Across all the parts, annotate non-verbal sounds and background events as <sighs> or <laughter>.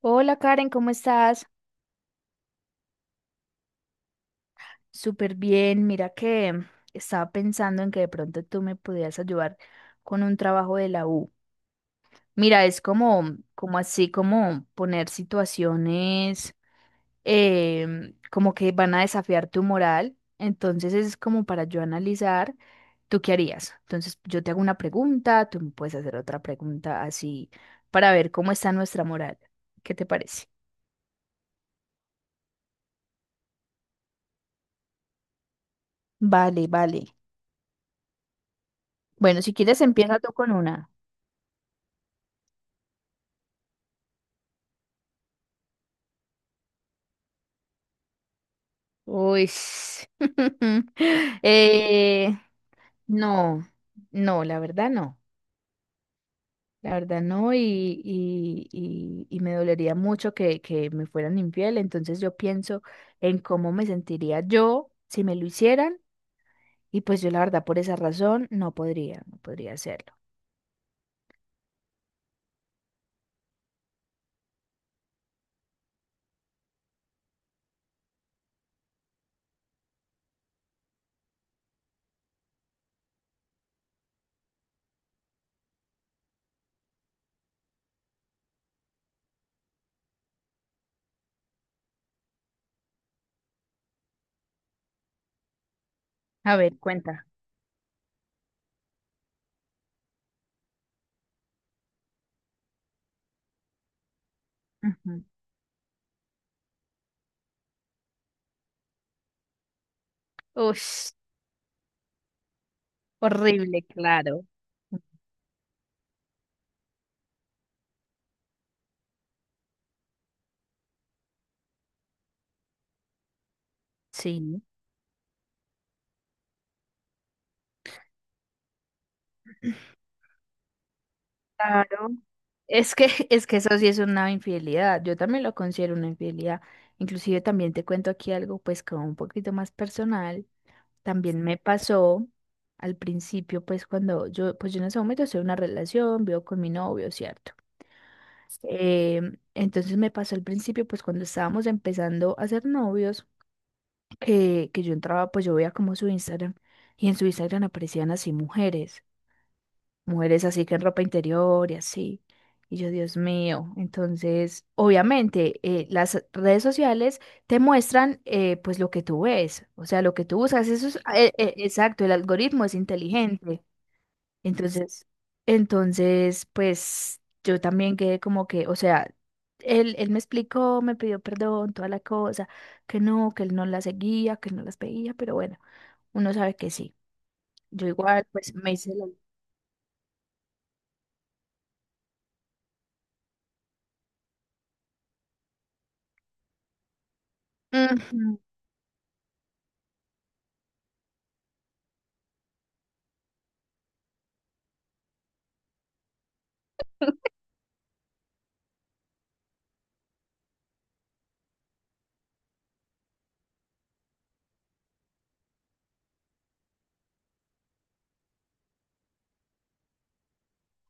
Hola Karen, ¿cómo estás? Súper bien. Mira que estaba pensando en que de pronto tú me pudieras ayudar con un trabajo de la U. Mira, es como, como así, como poner situaciones como que van a desafiar tu moral. Entonces es como para yo analizar, ¿tú qué harías? Entonces yo te hago una pregunta, tú me puedes hacer otra pregunta así para ver cómo está nuestra moral. ¿Qué te parece? Vale, vale. Bueno, si quieres empieza tú con una. Uy. <laughs> Eh, no, no, la verdad no. La verdad no, y me dolería mucho que me fueran infiel. Entonces yo pienso en cómo me sentiría yo si me lo hicieran. Y pues yo la verdad por esa razón no podría, no podría hacerlo. A ver, cuenta. Ujú. Ush, horrible, claro. Sí. <clears throat> Claro. Es que, <laughs> es que eso sí es una infidelidad. Yo también lo considero una infidelidad. Inclusive también te cuento aquí algo pues como un poquito más personal. También me pasó al principio pues cuando yo, pues yo en ese momento estoy en una relación, vivo con mi novio, ¿cierto? Eh, entonces me pasó al principio pues cuando estábamos empezando a ser novios, que yo entraba pues yo veía como su Instagram y en su Instagram aparecían así mujeres mujeres así que en ropa interior y así. Y yo, Dios mío, entonces, obviamente, las redes sociales te muestran pues lo que tú ves, o sea, lo que tú buscas, eso es, exacto, el algoritmo es inteligente. Entonces, entonces, pues yo también quedé como que, o sea, él me explicó, me pidió perdón, toda la cosa, que no, que él no las seguía, que no las veía, pero bueno, uno sabe que sí. Yo igual, pues me hice la... Ujú,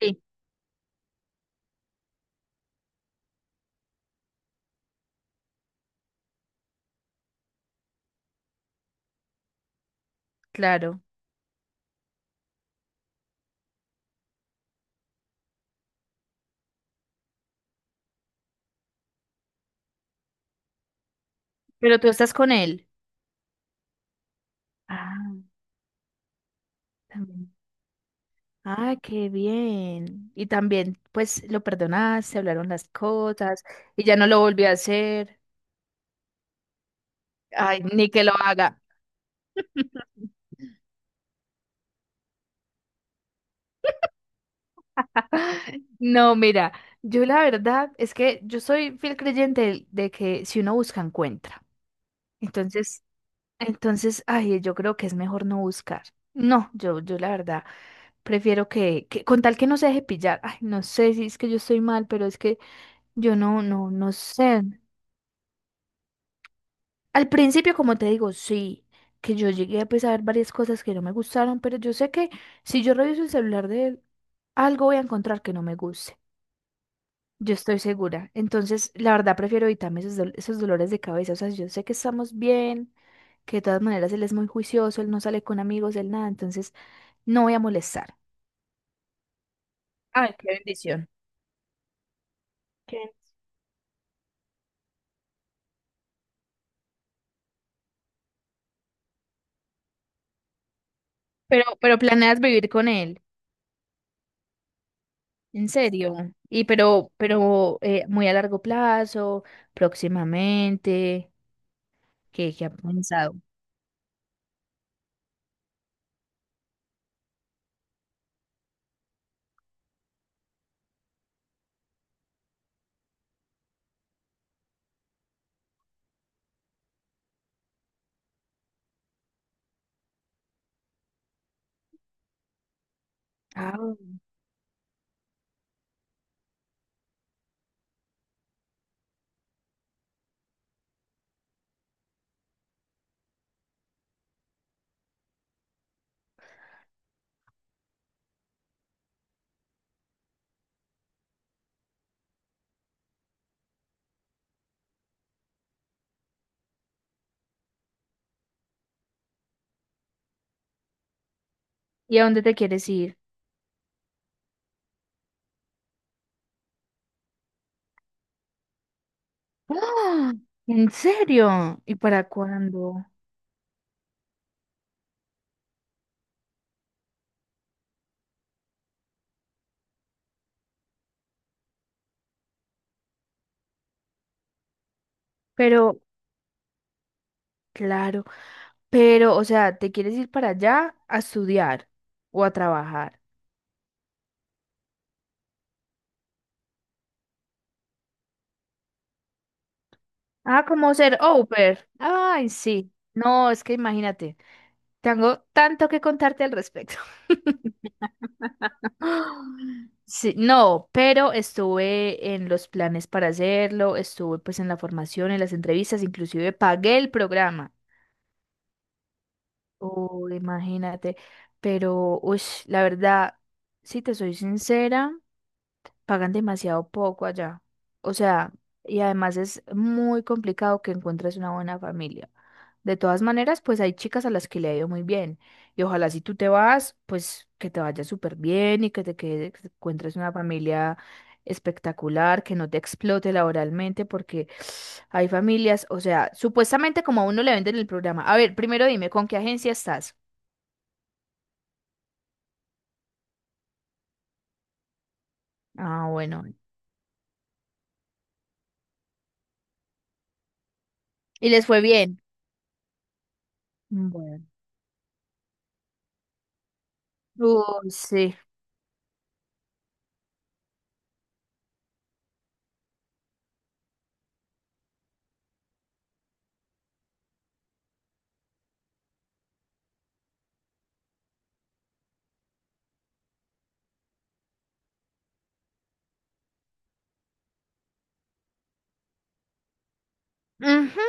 sí, claro. Pero tú estás con él. Ah, también. Ah, qué bien. Y también, pues, lo perdonaste, hablaron las cosas y ya no lo volvió a hacer. Ay, ni que lo haga. <laughs> No, mira, yo la verdad es que yo soy fiel creyente de que si uno busca, encuentra. Entonces, entonces, ay, yo creo que es mejor no buscar. No, yo la verdad prefiero que con tal que no se deje pillar. Ay, no sé si es que yo estoy mal, pero es que yo no, no, no sé. Al principio, como te digo, sí, que yo llegué pues, a ver varias cosas que no me gustaron, pero yo sé que si yo reviso el celular de él, algo voy a encontrar que no me guste. Yo estoy segura. Entonces, la verdad, prefiero evitarme esos, esos dolores de cabeza. O sea, yo sé que estamos bien, que de todas maneras él es muy juicioso, él no sale con amigos, él nada, entonces no voy a molestar. Ay, qué bendición. ¿Qué? Bendición. Pero planeas vivir con él, en serio. Y pero muy a largo plazo, próximamente. ¿Qué, qué ha pensado? Ah. ¿Y a dónde te quieres ir? ¡Ah! ¿En serio? ¿Y para cuándo? Pero, claro, pero, o sea, ¿te quieres ir para allá a estudiar o a trabajar? Ah, como ser au pair. Ay, sí. No, es que imagínate, tengo tanto que contarte al respecto. <laughs> Sí, no, pero estuve en los planes para hacerlo, estuve pues en la formación, en las entrevistas, inclusive pagué el programa. Oh, imagínate. Pero, uy, la verdad, si te soy sincera, pagan demasiado poco allá. O sea, y además es muy complicado que encuentres una buena familia. De todas maneras, pues hay chicas a las que le ha ido muy bien. Y ojalá si tú te vas, pues que te vaya súper bien y que que te encuentres una familia espectacular, que no te explote laboralmente, porque <sighs> hay familias, o sea, supuestamente como a uno le venden el programa. A ver, primero dime, ¿con qué agencia estás? Ah, bueno. Y les fue bien. Bueno. Uy, sí. Ujú,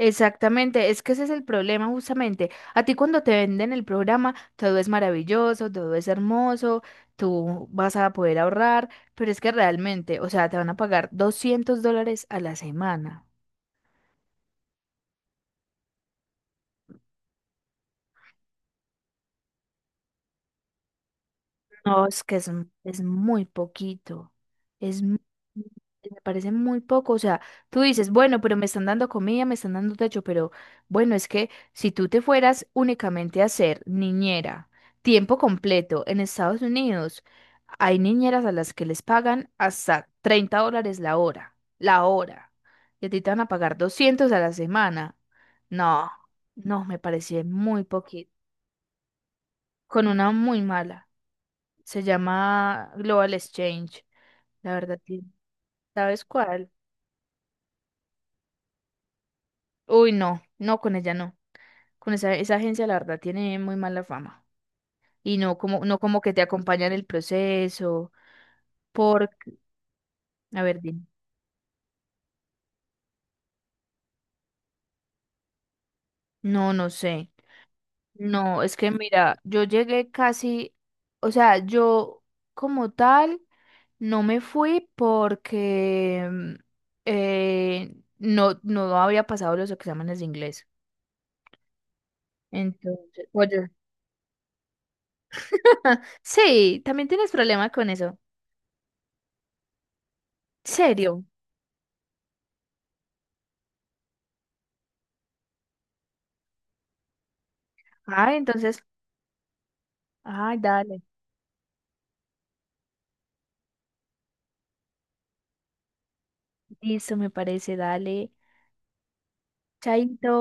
exactamente, es que ese es el problema justamente. A ti cuando te venden el programa, todo es maravilloso, todo es hermoso, tú vas a poder ahorrar, pero es que realmente, o sea, te van a pagar $200 a la semana. No, es que es, es muy poquito. Es, me parece muy poco. O sea, tú dices, bueno, pero me están dando comida, me están dando techo, pero bueno, es que si tú te fueras únicamente a ser niñera, tiempo completo en Estados Unidos, hay niñeras a las que les pagan hasta $30 la hora, la hora. Y a ti te van a pagar 200 a la semana. No, no, me parece muy poquito. Con una muy mala. Se llama Global Exchange. La verdad, sí. ¿Sabes cuál? Uy, no, no, con ella no. Con esa, esa agencia, la verdad, tiene muy mala fama. Y no como, no como que te acompañan el proceso. Porque, a ver, dime. No, no sé. No, es que mira, yo llegué casi, o sea, yo como tal no me fui porque no, no había pasado los exámenes de inglés. Entonces, oye, <laughs> sí, también tienes problema con eso. ¿Serio? Ah, entonces, ay, dale. Listo, me parece, dale. Chaito.